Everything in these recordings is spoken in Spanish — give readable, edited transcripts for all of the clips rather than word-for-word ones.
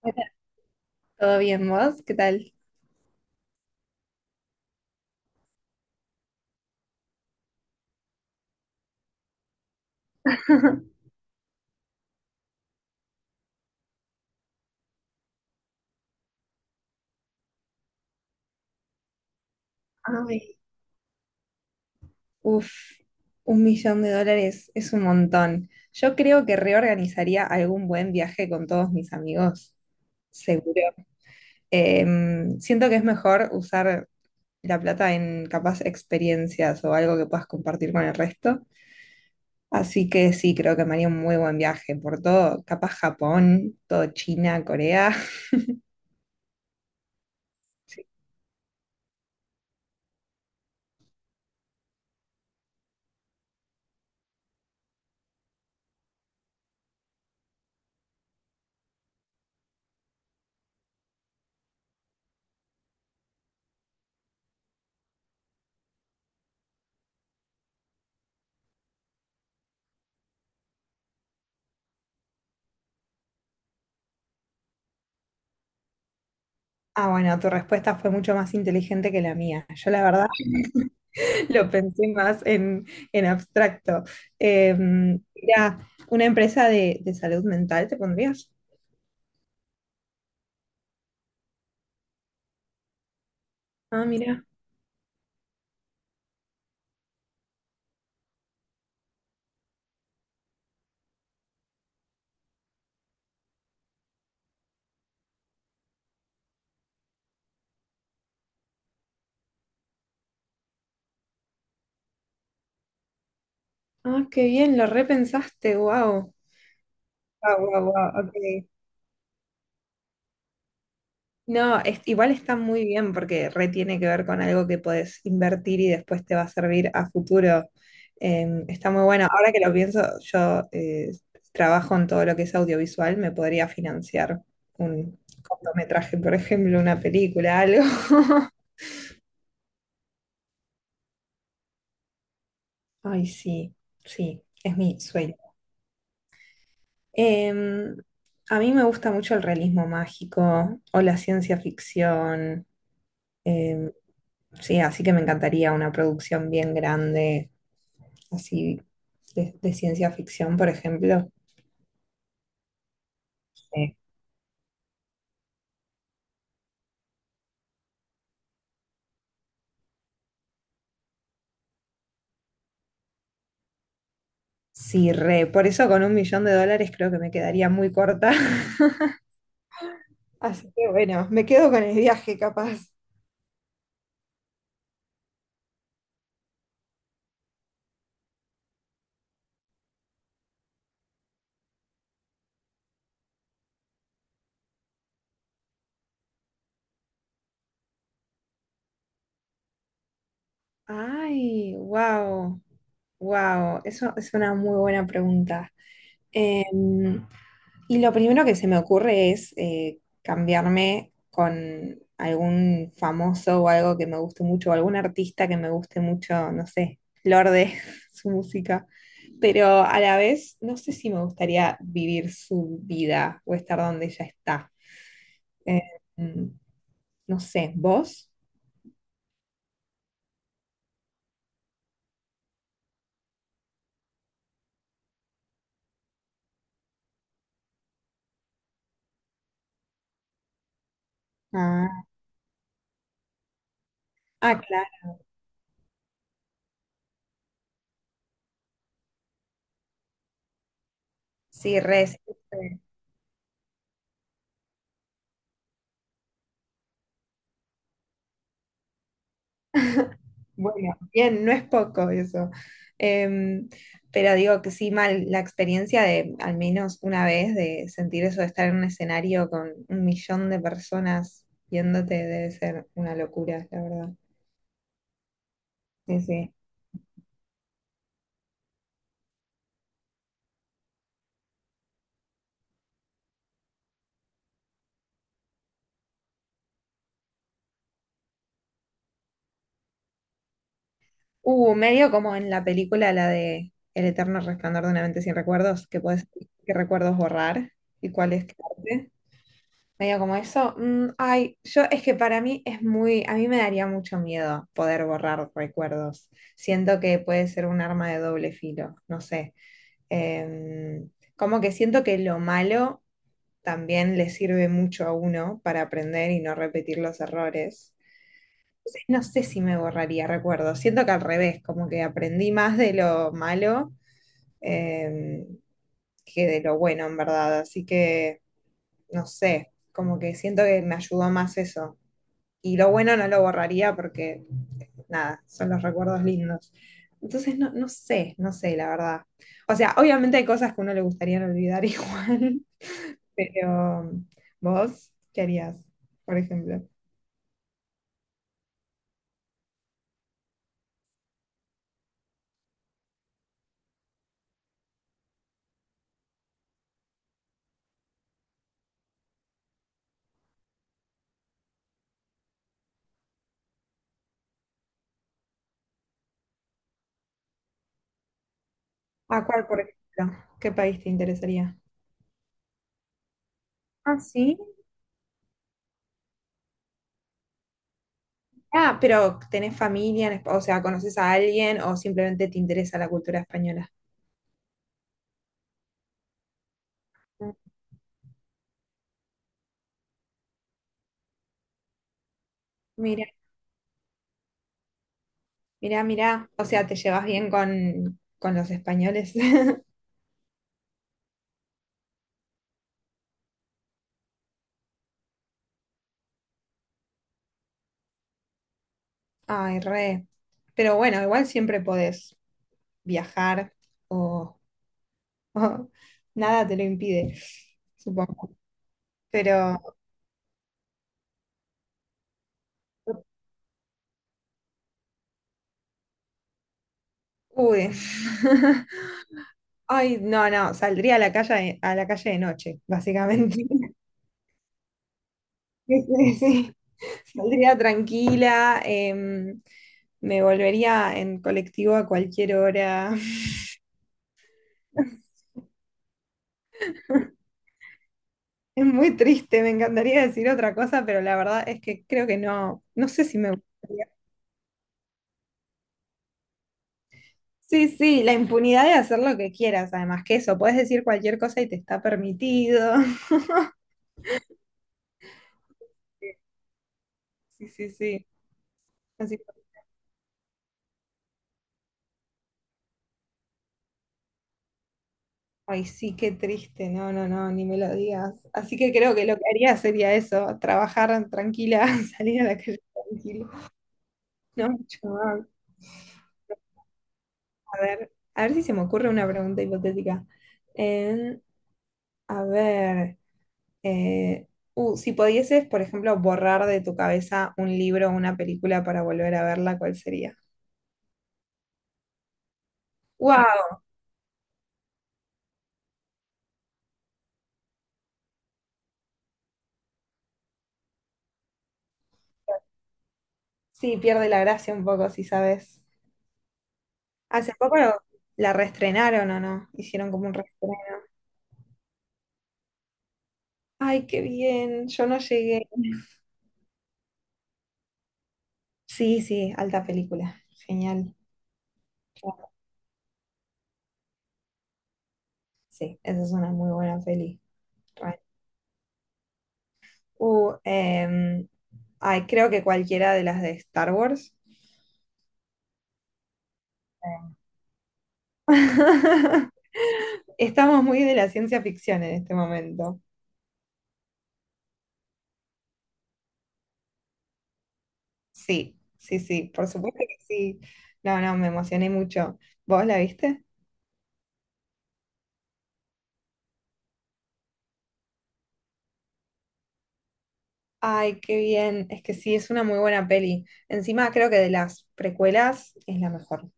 Hola. ¿Todo bien vos? ¿Qué tal? Ay, uf, 1 millón de dólares es un montón. Yo creo que reorganizaría algún buen viaje con todos mis amigos, seguro. Siento que es mejor usar la plata en capaz experiencias o algo que puedas compartir con el resto. Así que sí, creo que me haría un muy buen viaje por todo, capaz Japón, todo China, Corea. Sí. Ah, bueno, tu respuesta fue mucho más inteligente que la mía. Yo, la verdad, lo pensé más en abstracto. Mira, una empresa de salud mental, ¿te pondrías? Ah, mira. Ah, qué bien, lo repensaste, wow. Wow, wow, wow, ok. No, igual está muy bien porque re tiene que ver con algo que podés invertir y después te va a servir a futuro. Está muy bueno. Ahora que lo pienso, yo trabajo en todo lo que es audiovisual, me podría financiar un cortometraje, por ejemplo, una película, algo. Ay, sí, sí, es mi sueño. Em, a mí me gusta mucho el realismo mágico o la ciencia ficción. em, sí, así que me encantaría una producción bien grande, así de ciencia ficción, por ejemplo. Eh, sí, re. Por eso con 1 millón de dólares creo que me quedaría muy corta. Así que bueno, me quedo con el viaje capaz. Ay, wow, wow, eso es una muy buena pregunta. Em, Y lo primero que se me ocurre es cambiarme con algún famoso o algo que me guste mucho, o algún artista que me guste mucho, no sé, Lorde, su música. Pero a la vez, no sé si me gustaría vivir su vida o estar donde ella está. Eh, mm, no sé, ¿vos? Ah, ah, claro, sí, res. Bueno, bien, no es poco eso. Em, pero digo que sí, mal, la experiencia de al menos una vez de sentir eso de estar en un escenario con 1 millón de personas viéndote debe ser una locura, la verdad. Sí, sí. Medio como en la película, la de El eterno resplandor de una mente sin recuerdos, que puedes qué recuerdos borrar y cuáles quedarte. Medio como eso. Ay, yo es que para mí es muy, a mí me daría mucho miedo poder borrar recuerdos. Siento que puede ser un arma de doble filo, no sé. Em, Como que siento que lo malo también le sirve mucho a uno para aprender y no repetir los errores. No sé si me borraría recuerdos. Siento que al revés, como que aprendí más de lo malo em, que de lo bueno, en verdad. Así que, no sé, como que siento que me ayudó más eso. Y lo bueno no lo borraría porque, nada, son los recuerdos lindos. Entonces, no, no sé, no sé, la verdad. O sea, obviamente hay cosas que uno le gustaría no olvidar igual, pero vos, ¿qué harías, por ejemplo? ¿A cuál, por ejemplo? ¿Qué país te interesaría? Ah, sí. Ah, pero ¿tenés familia? O sea, ¿conoces a alguien o simplemente te interesa la cultura española? Mm. Mira, mira, mira. O sea, ¿te llevas bien con los españoles? Ay, re. Pero bueno, igual siempre podés viajar o, o nada te lo impide, supongo. Pero, uy. Ay, no, no, saldría a la calle de noche, básicamente. Sí, sí, sí. Saldría tranquila, me volvería en colectivo a cualquier hora. Es muy triste, me encantaría decir otra cosa, pero la verdad es que creo que no, no sé si me gustaría. Sí, sí, la impunidad de hacer lo que quieras, además que eso, puedes decir cualquier cosa y te está permitido. Sí, sí, sí. Así, ay, sí, qué triste, no, no, no, ni me lo digas. Así que creo que lo que haría sería eso, trabajar tranquila, salir a la calle tranquila. No, mucho más. A ver si se me ocurre una pregunta hipotética. En- a ver, eh, si pudieses, por ejemplo, borrar de tu cabeza un libro o una película para volver a verla, ¿cuál sería? ¡Wow! Sí, pierde la gracia un poco, si sabes. Hace poco la reestrenaron o no, hicieron como un reestreno. Ay, qué bien, yo no llegué. Sí, sí, alta película, genial. Sí, esa es una muy buena peli. Re. Uh, em, Ay, creo que cualquiera de las de Star Wars. Em. Estamos muy de la ciencia ficción en este momento. Sí, sí, sí, por supuesto que sí. No, no, me emocioné mucho. ¿Vos la viste? Ay, qué bien. Es que sí, es una muy buena peli. Encima creo que de las precuelas es la mejor.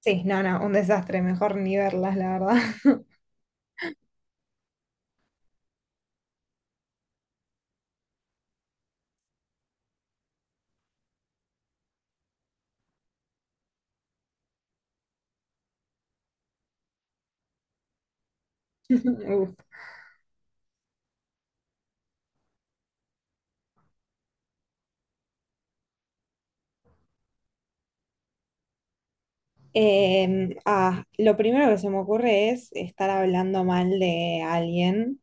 Sí, no, no, un desastre. Mejor ni verlas, la verdad. Uf. Ah, lo primero que se me ocurre es estar hablando mal de alguien,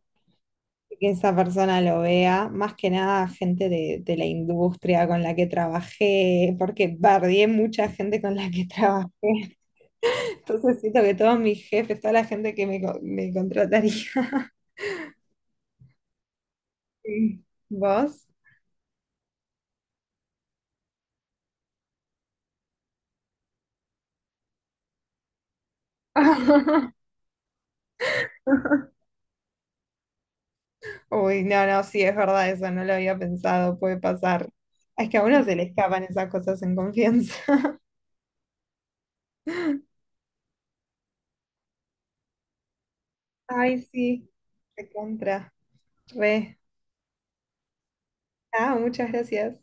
que esa persona lo vea, más que nada gente de, la industria con la que trabajé, porque bardié mucha gente con la que trabajé. Entonces siento que todos mis jefes, toda la gente que me, me contrataría. Sí. ¿Vos? Uy, no, no, sí, es verdad eso, no lo había pensado, puede pasar. Es que a uno se le escapan esas cosas en confianza. Ay, sí, de contra, re. Ah, muchas gracias.